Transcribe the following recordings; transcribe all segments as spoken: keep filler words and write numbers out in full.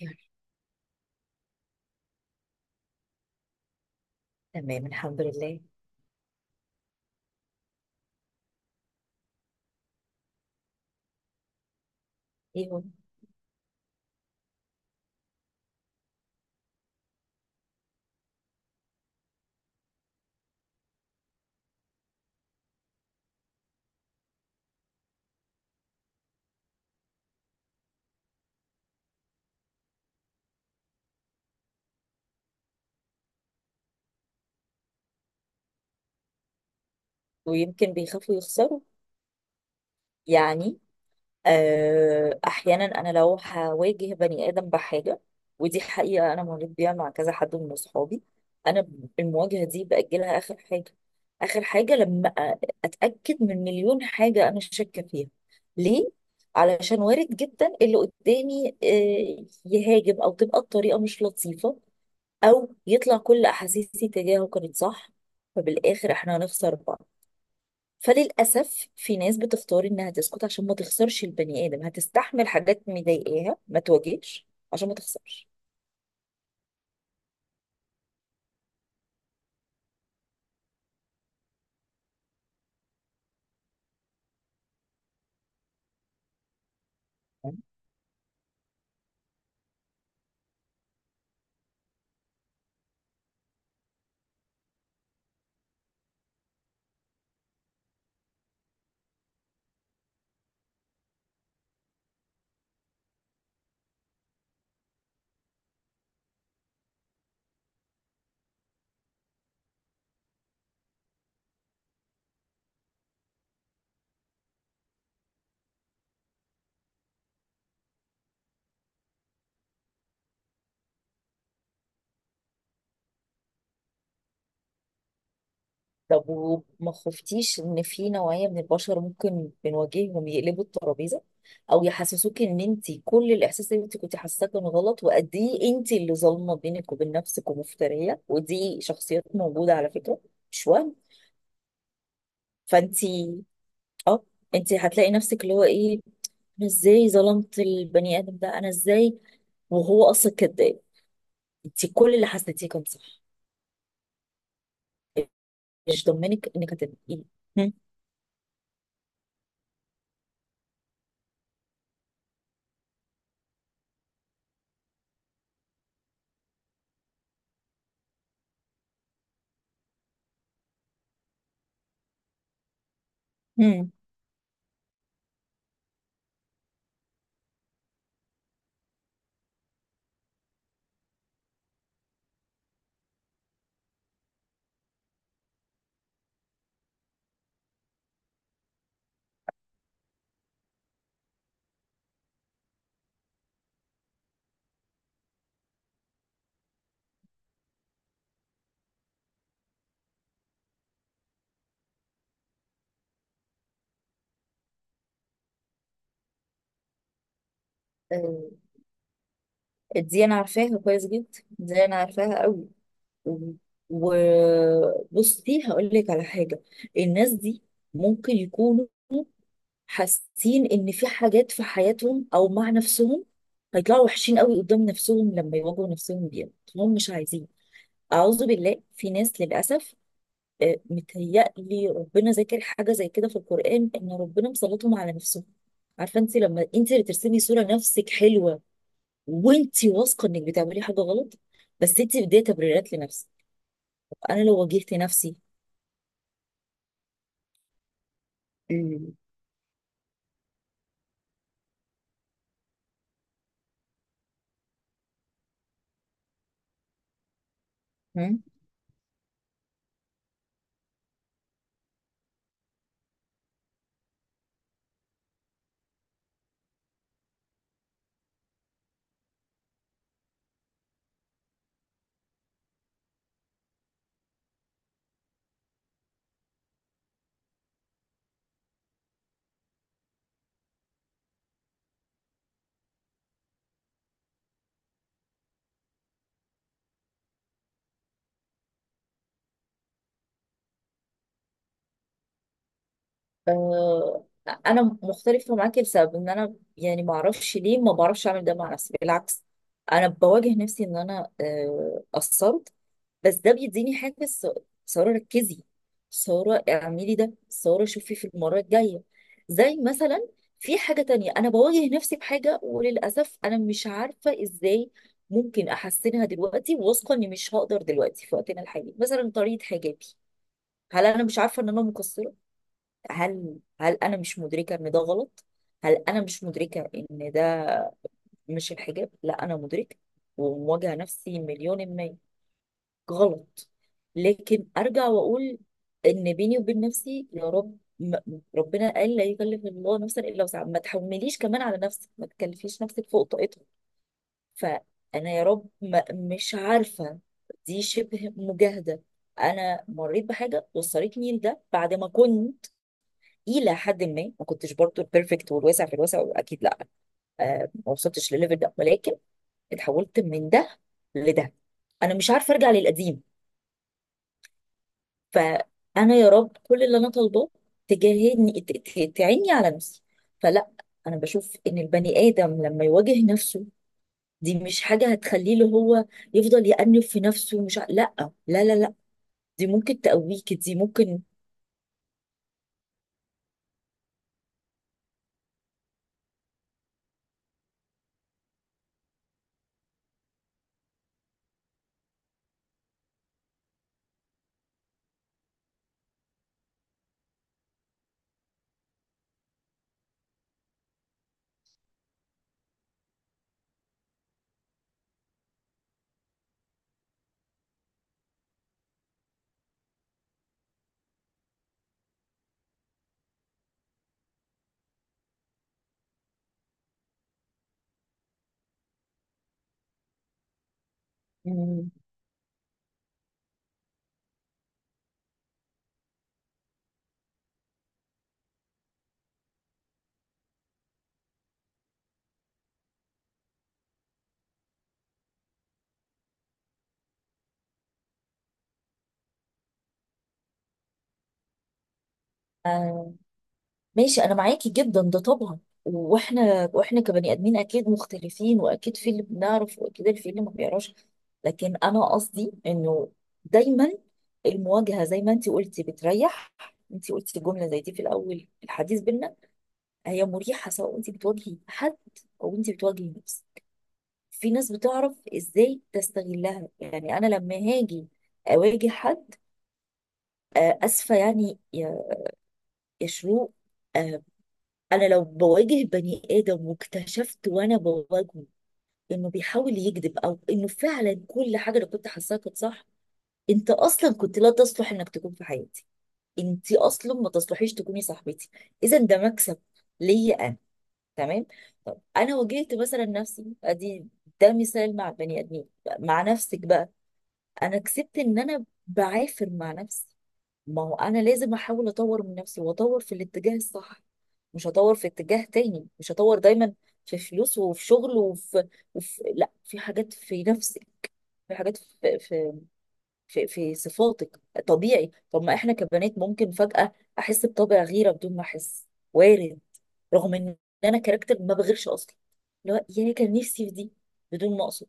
يعني، تمام الحمد لله. ايوه. ويمكن بيخافوا يخسروا. يعني آه احيانا انا لو هواجه بني ادم بحاجه، ودي حقيقه انا مريت بيها مع كذا حد من اصحابي. انا المواجهه دي باجلها اخر حاجه. اخر حاجه لما أ- اتاكد من مليون حاجه انا شاكه فيها. ليه؟ علشان وارد جدا اللي قدامي آه، يهاجم، او تبقى الطريقه مش لطيفه، او يطلع كل احاسيسي تجاهه كانت صح، فبالاخر احنا هنخسر بعض. فللاسف في ناس بتختار انها تسكت عشان ما تخسرش البني ادم، هتستحمل حاجات مضايقاها ما تواجهش عشان ما تخسرش. طب وما خفتيش ان في نوعية من البشر ممكن بنواجههم يقلبوا الترابيزة، او يحسسوك ان انت كل الاحساس اللي انت كنت حاساه كان غلط، وقد ايه انت اللي ظالمة بينك وبين نفسك ومفترية؟ ودي شخصيات موجودة على فكرة، مش وهم. فانت اه انت هتلاقي نفسك اللي هو ايه. انا ازاي ظلمت البني ادم ده؟ انا ازاي وهو اصلا كداب؟ انت كل اللي حسيتيه كان صح. مش ضمنك انك هتبقي إيه؟ هم. هم. آه، دي انا عارفاها كويس جدا. دي انا عارفاها قوي. وبصي هقول لك على حاجه. الناس دي ممكن يكونوا حاسين ان في حاجات في حياتهم او مع نفسهم هيطلعوا وحشين قوي قدام نفسهم لما يواجهوا نفسهم بيها. هم مش عايزين. أعوذ بالله، في ناس للأسف، آه، متهيألي ربنا ذاكر حاجة زي كده في القرآن إن ربنا مسلطهم على نفسهم. عارفة أنت؟ لما أنت اللي ترسمي صورة نفسك حلوة، وأنت واثقة إنك بتعملي حاجة غلط، بس أنت بدي تبريرات لنفسك. أنا لو واجهت نفسي. مم. هم؟ آه، أنا مختلفة معاكي لسبب إن أنا يعني معرفش ليه، ما بعرفش أعمل ده مع نفسي. بالعكس، أنا بواجه نفسي إن أنا آه، قصرت. بس ده بيديني حافز. سارة ركزي. سارة اعملي ده. سارة شوفي في المرة الجاية. زي مثلا، في حاجة تانية أنا بواجه نفسي بحاجة، وللأسف أنا مش عارفة إزاي ممكن أحسنها دلوقتي، واثقة إني مش هقدر دلوقتي في وقتنا الحالي. مثلا طريقة حجابي، هل أنا مش عارفة إن أنا مقصرة؟ هل هل أنا مش مدركة إن ده غلط؟ هل أنا مش مدركة إن ده مش الحجاب؟ لا، أنا مدركة. ومواجهة نفسي مليون في المية غلط. لكن ارجع واقول ان بيني وبين نفسي يا رب، م- ربنا قال لا يكلف الله نفسا الا وسعها. ما تحمليش كمان على نفسك، ما تكلفيش نفسك فوق طاقتها. فانا يا رب ما، مش عارفه. دي شبه مجاهده. انا مريت بحاجه وصلتني لده بعد ما كنت الى حد ما، ما كنتش برضو البيرفكت، والواسع في الواسع اكيد لا. آه ما وصلتش لليفل ده، ولكن اتحولت من ده لده. انا مش عارفه ارجع للقديم. فانا يا رب كل اللي انا طالباه، تجاهدني، ت- ت- تعيني على نفسي. فلا، انا بشوف ان البني ادم لما يواجه نفسه، دي مش حاجه هتخليه اللي هو يفضل يأنف في نفسه. مش ع... لا، لا لا لا. دي ممكن تقويك، دي ممكن. مم. ماشي، انا معاكي جدا ده طبعا. واحنا واحنا كبني ادمين اكيد مختلفين، واكيد في اللي بنعرف واكيد في اللي ما بيعرفش. لكن انا قصدي انه دايما، المواجهه زي ما انت قلتي بتريح. انت قلتي جمله زي دي في الاول الحديث بينا. هي مريحه، سواء انت بتواجهي حد، او انت بتواجهي نفسك. في ناس بتعرف ازاي تستغلها. يعني انا لما هاجي اواجه حد، آه، اسفه يعني، يا يا شروق، انا لو بواجه بني ادم واكتشفت وانا بواجهه انه بيحاول يكذب، او انه فعلا كل حاجه انا كنت حاساها كانت صح، انت اصلا كنت لا تصلح انك تكون في حياتي. انت اصلا ما تصلحيش تكوني صاحبتي. اذا ده مكسب ليا انا. تمام. طب انا واجهت مثلا نفسي، ادي ده مثال مع البني ادمين. مع نفسك بقى، انا كسبت ان انا بعافر مع نفسي. ما هو انا لازم احاول اطور من نفسي، واطور في الاتجاه الصح. مش هطور في اتجاه تاني. مش هطور دايما في فلوس، وفي شغل، وفي, وفي لا، في حاجات في نفسك، في حاجات في في في, في صفاتك. طبيعي. طب ما احنا كبنات ممكن فجأة احس بطبع غيرة بدون ما احس. وارد. رغم ان انا كاركتر ما بغيرش اصلا. لا، يا كان نفسي في دي بدون ما اقصد.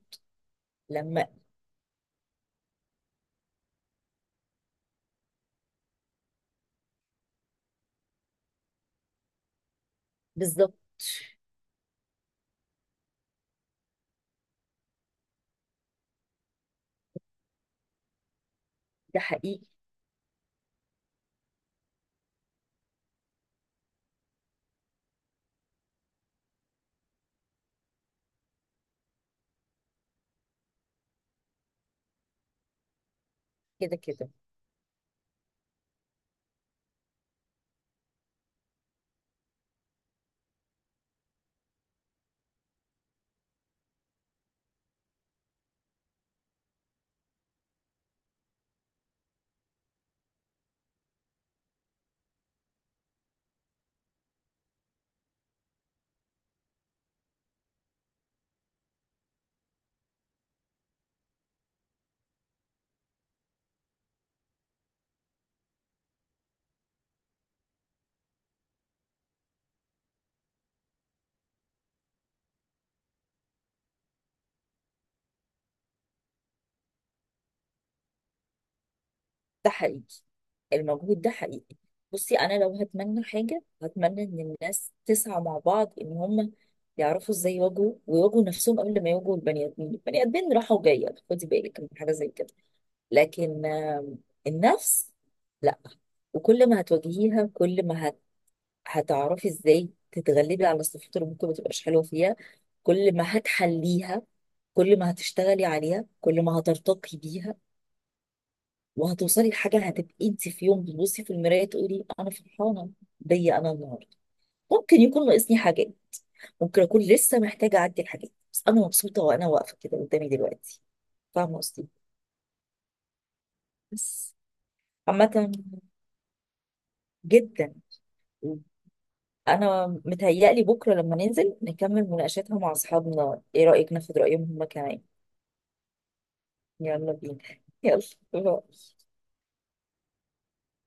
لما بالظبط. ده حقيقي. كده كده. ده حقيقي. المجهود ده حقيقي. بصي، انا لو هتمنى حاجه، هتمنى ان الناس تسعى مع بعض ان هم يعرفوا ازاي يواجهوا، ويواجهوا نفسهم قبل ما يواجهوا البني ادمين. البني ادمين راحه وجايه، خدي بالك من حاجه زي كده. لكن آم، النفس، لا. وكل ما هتواجهيها، كل ما هت... هتعرفي ازاي تتغلبي على الصفات اللي ممكن ما تبقاش حلوه فيها. كل ما هتحليها، كل ما هتشتغلي عليها، كل ما هترتقي بيها، وهتوصلي لحاجه. هتبقي انت في يوم بتبصي في المرايه تقولي انا فرحانه بيا انا النهارده. ممكن يكون ناقصني حاجات، ممكن اكون لسه محتاجه اعدي الحاجات، بس انا مبسوطه وانا واقفه كده قدامي دلوقتي. فاهمه قصدي؟ بس عامه. جدا. انا متهيألي بكره لما ننزل نكمل مناقشاتها مع اصحابنا، ايه رايك ناخد رايهم هما كمان؟ يلا بينا يلا. باي.